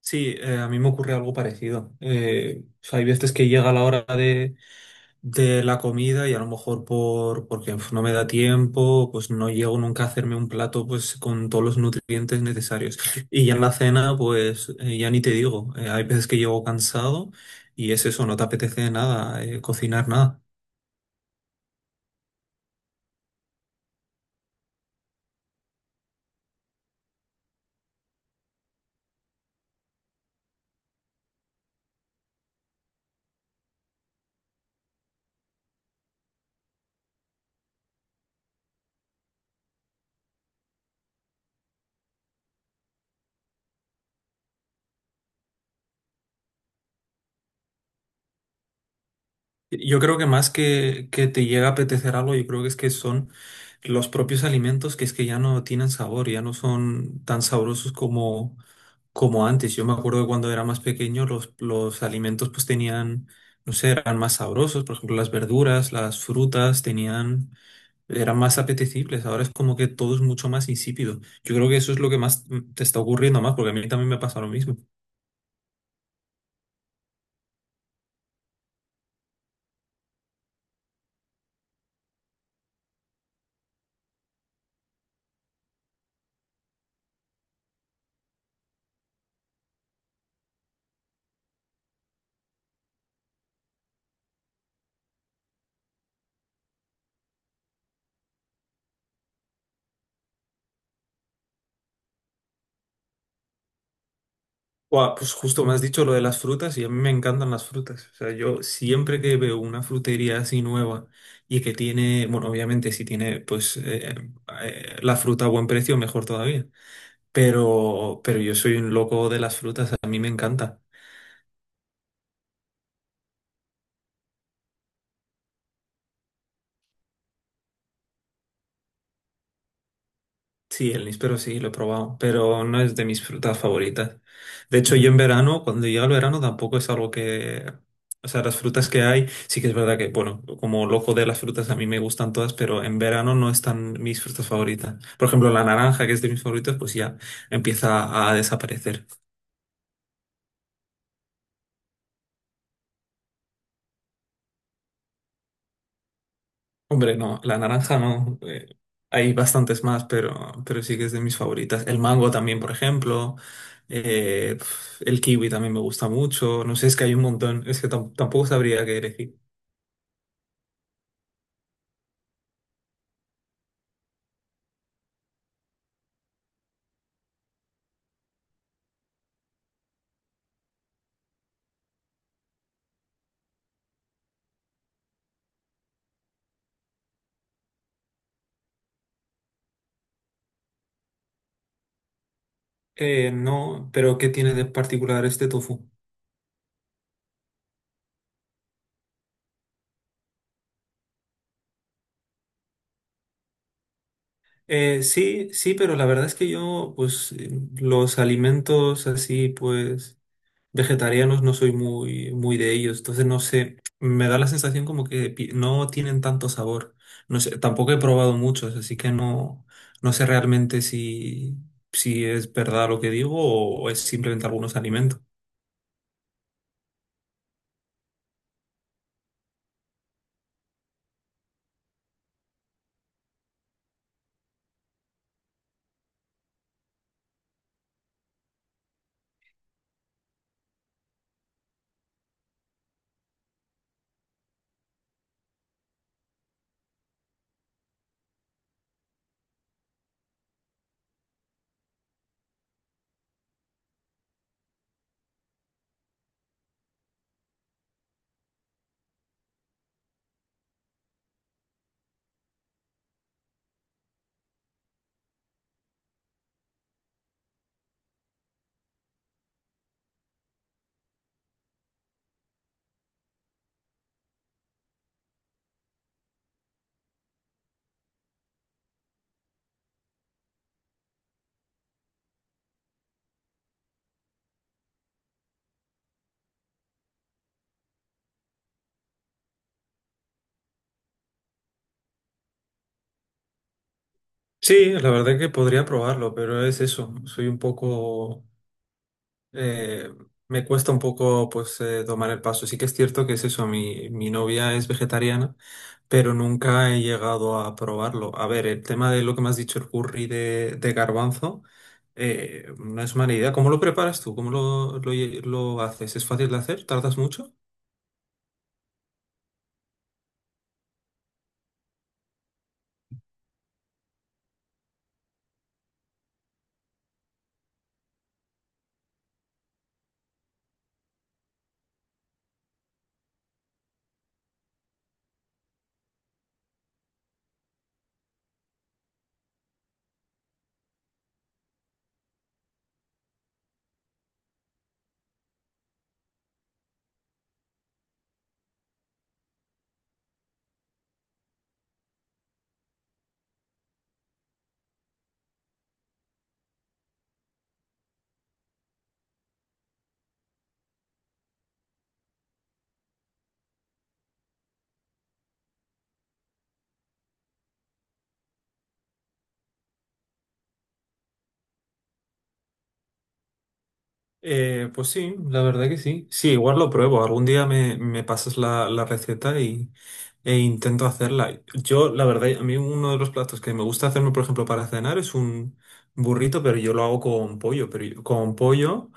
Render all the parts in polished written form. Sí, a mí me ocurre algo parecido. O sea, hay veces que llega la hora de la comida y a lo mejor porque no me da tiempo, pues no llego nunca a hacerme un plato pues con todos los nutrientes necesarios. Y ya en la cena, pues ya ni te digo. Hay veces que llego cansado y es eso, no te apetece nada, cocinar nada. Yo creo que más que te llega a apetecer algo, yo creo que es que son los propios alimentos que es que ya no tienen sabor, ya no son tan sabrosos como antes. Yo me acuerdo de cuando era más pequeño, los alimentos pues tenían, no sé, eran más sabrosos. Por ejemplo, las verduras, las frutas tenían, eran más apetecibles. Ahora es como que todo es mucho más insípido. Yo creo que eso es lo que más te está ocurriendo más, porque a mí también me pasa lo mismo. Buah, pues justo me has dicho lo de las frutas y a mí me encantan las frutas. O sea, yo siempre que veo una frutería así nueva y que tiene, bueno, obviamente si tiene pues la fruta a buen precio, mejor todavía. Pero yo soy un loco de las frutas, a mí me encanta. Sí, el níspero sí, lo he probado, pero no es de mis frutas favoritas. De hecho, yo en verano, cuando llega el verano, tampoco es algo que… O sea, las frutas que hay, sí que es verdad que, bueno, como loco de las frutas, a mí me gustan todas, pero en verano no están mis frutas favoritas. Por ejemplo, la naranja, que es de mis favoritos, pues ya empieza a desaparecer. Hombre, no, la naranja no. Hay bastantes más, pero sí que es de mis favoritas. El mango también, por ejemplo. El kiwi también me gusta mucho. No sé, es que hay un montón. Es que tampoco sabría qué elegir. No, pero ¿qué tiene de particular este tofu? Sí, sí, pero la verdad es que yo, pues, los alimentos así, pues. Vegetarianos no soy muy de ellos, entonces no sé, me da la sensación como que no tienen tanto sabor. No sé, tampoco he probado muchos, así que no, no sé realmente si, si es verdad lo que digo o es simplemente algunos alimentos. Sí, la verdad que podría probarlo, pero es eso, soy un poco eh, me cuesta un poco pues tomar el paso. Sí que es cierto que es eso, mi novia es vegetariana, pero nunca he llegado a probarlo. A ver, el tema de lo que me has dicho, el curry de garbanzo, no es mala idea. ¿Cómo lo preparas tú? ¿Cómo lo haces? ¿Es fácil de hacer? ¿Tardas mucho? Pues sí, la verdad que sí. Sí, igual lo pruebo. Algún día me pasas la receta y, e intento hacerla. Yo, la verdad, a mí uno de los platos que me gusta hacerme, por ejemplo, para cenar es un burrito, pero yo lo hago con pollo, pero yo- con pollo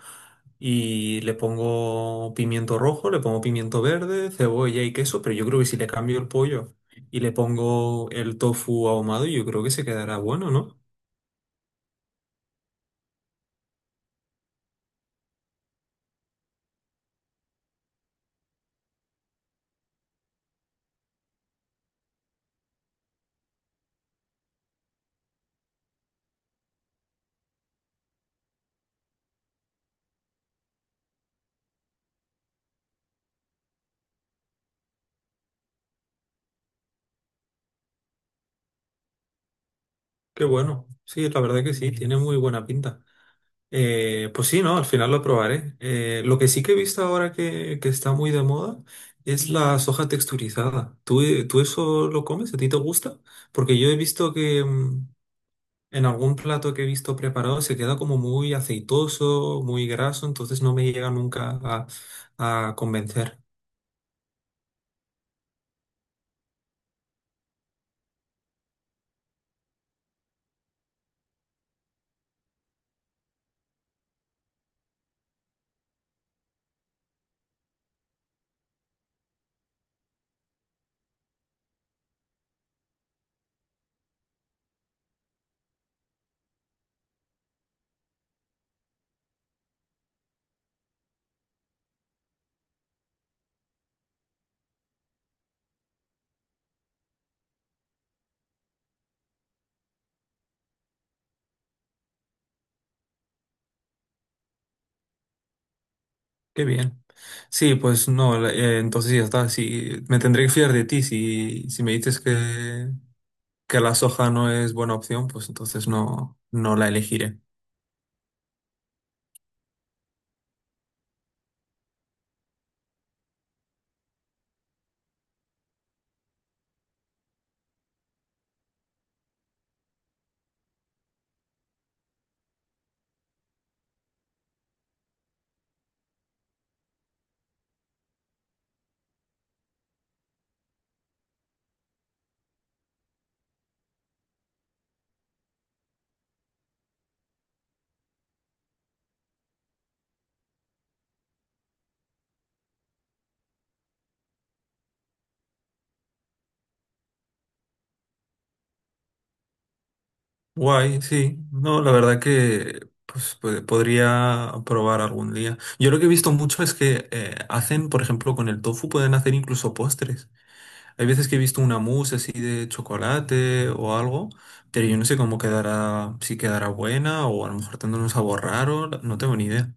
y le pongo pimiento rojo, le pongo pimiento verde, cebolla y queso, pero yo creo que si le cambio el pollo y le pongo el tofu ahumado, yo creo que se quedará bueno, ¿no? Qué bueno. Sí, la verdad que sí, tiene muy buena pinta. Pues sí, ¿no? Al final lo probaré. Lo que sí que he visto ahora que está muy de moda es la soja texturizada. ¿Tú, tú eso lo comes? ¿A ti te gusta? Porque yo he visto que en algún plato que he visto preparado se queda como muy aceitoso, muy graso, entonces no me llega nunca a convencer. Qué bien. Sí, pues no, entonces ya está. Sí, me tendré que fiar de ti si, si me dices que la soja no es buena opción, pues entonces no, no la elegiré. Guay, sí. No, la verdad que pues, podría probar algún día. Yo lo que he visto mucho es que hacen, por ejemplo, con el tofu pueden hacer incluso postres. Hay veces que he visto una mousse así de chocolate o algo, pero yo no sé cómo quedará, si quedará buena o a lo mejor tendrá un sabor raro, no tengo ni idea.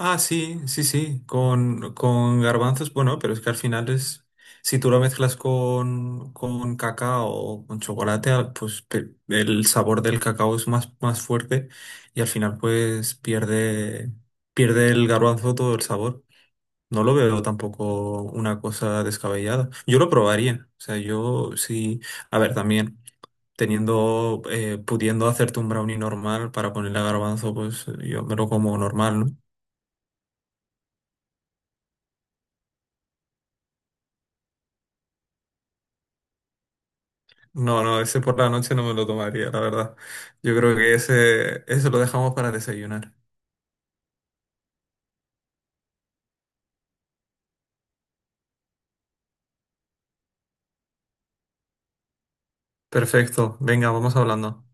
Ah, sí, sí, sí, con garbanzos, bueno, pero es que al final es, si tú lo mezclas con cacao o con chocolate, el sabor del cacao es más, más fuerte y al final pues pierde, pierde el garbanzo todo el sabor. No lo veo tampoco una cosa descabellada. Yo lo probaría, o sea, yo sí, a ver, también teniendo, pudiendo hacerte un brownie normal para ponerle garbanzo, pues yo me lo como normal, ¿no? No, no, ese por la noche no me lo tomaría, la verdad. Yo creo que ese lo dejamos para desayunar. Perfecto, venga, vamos hablando.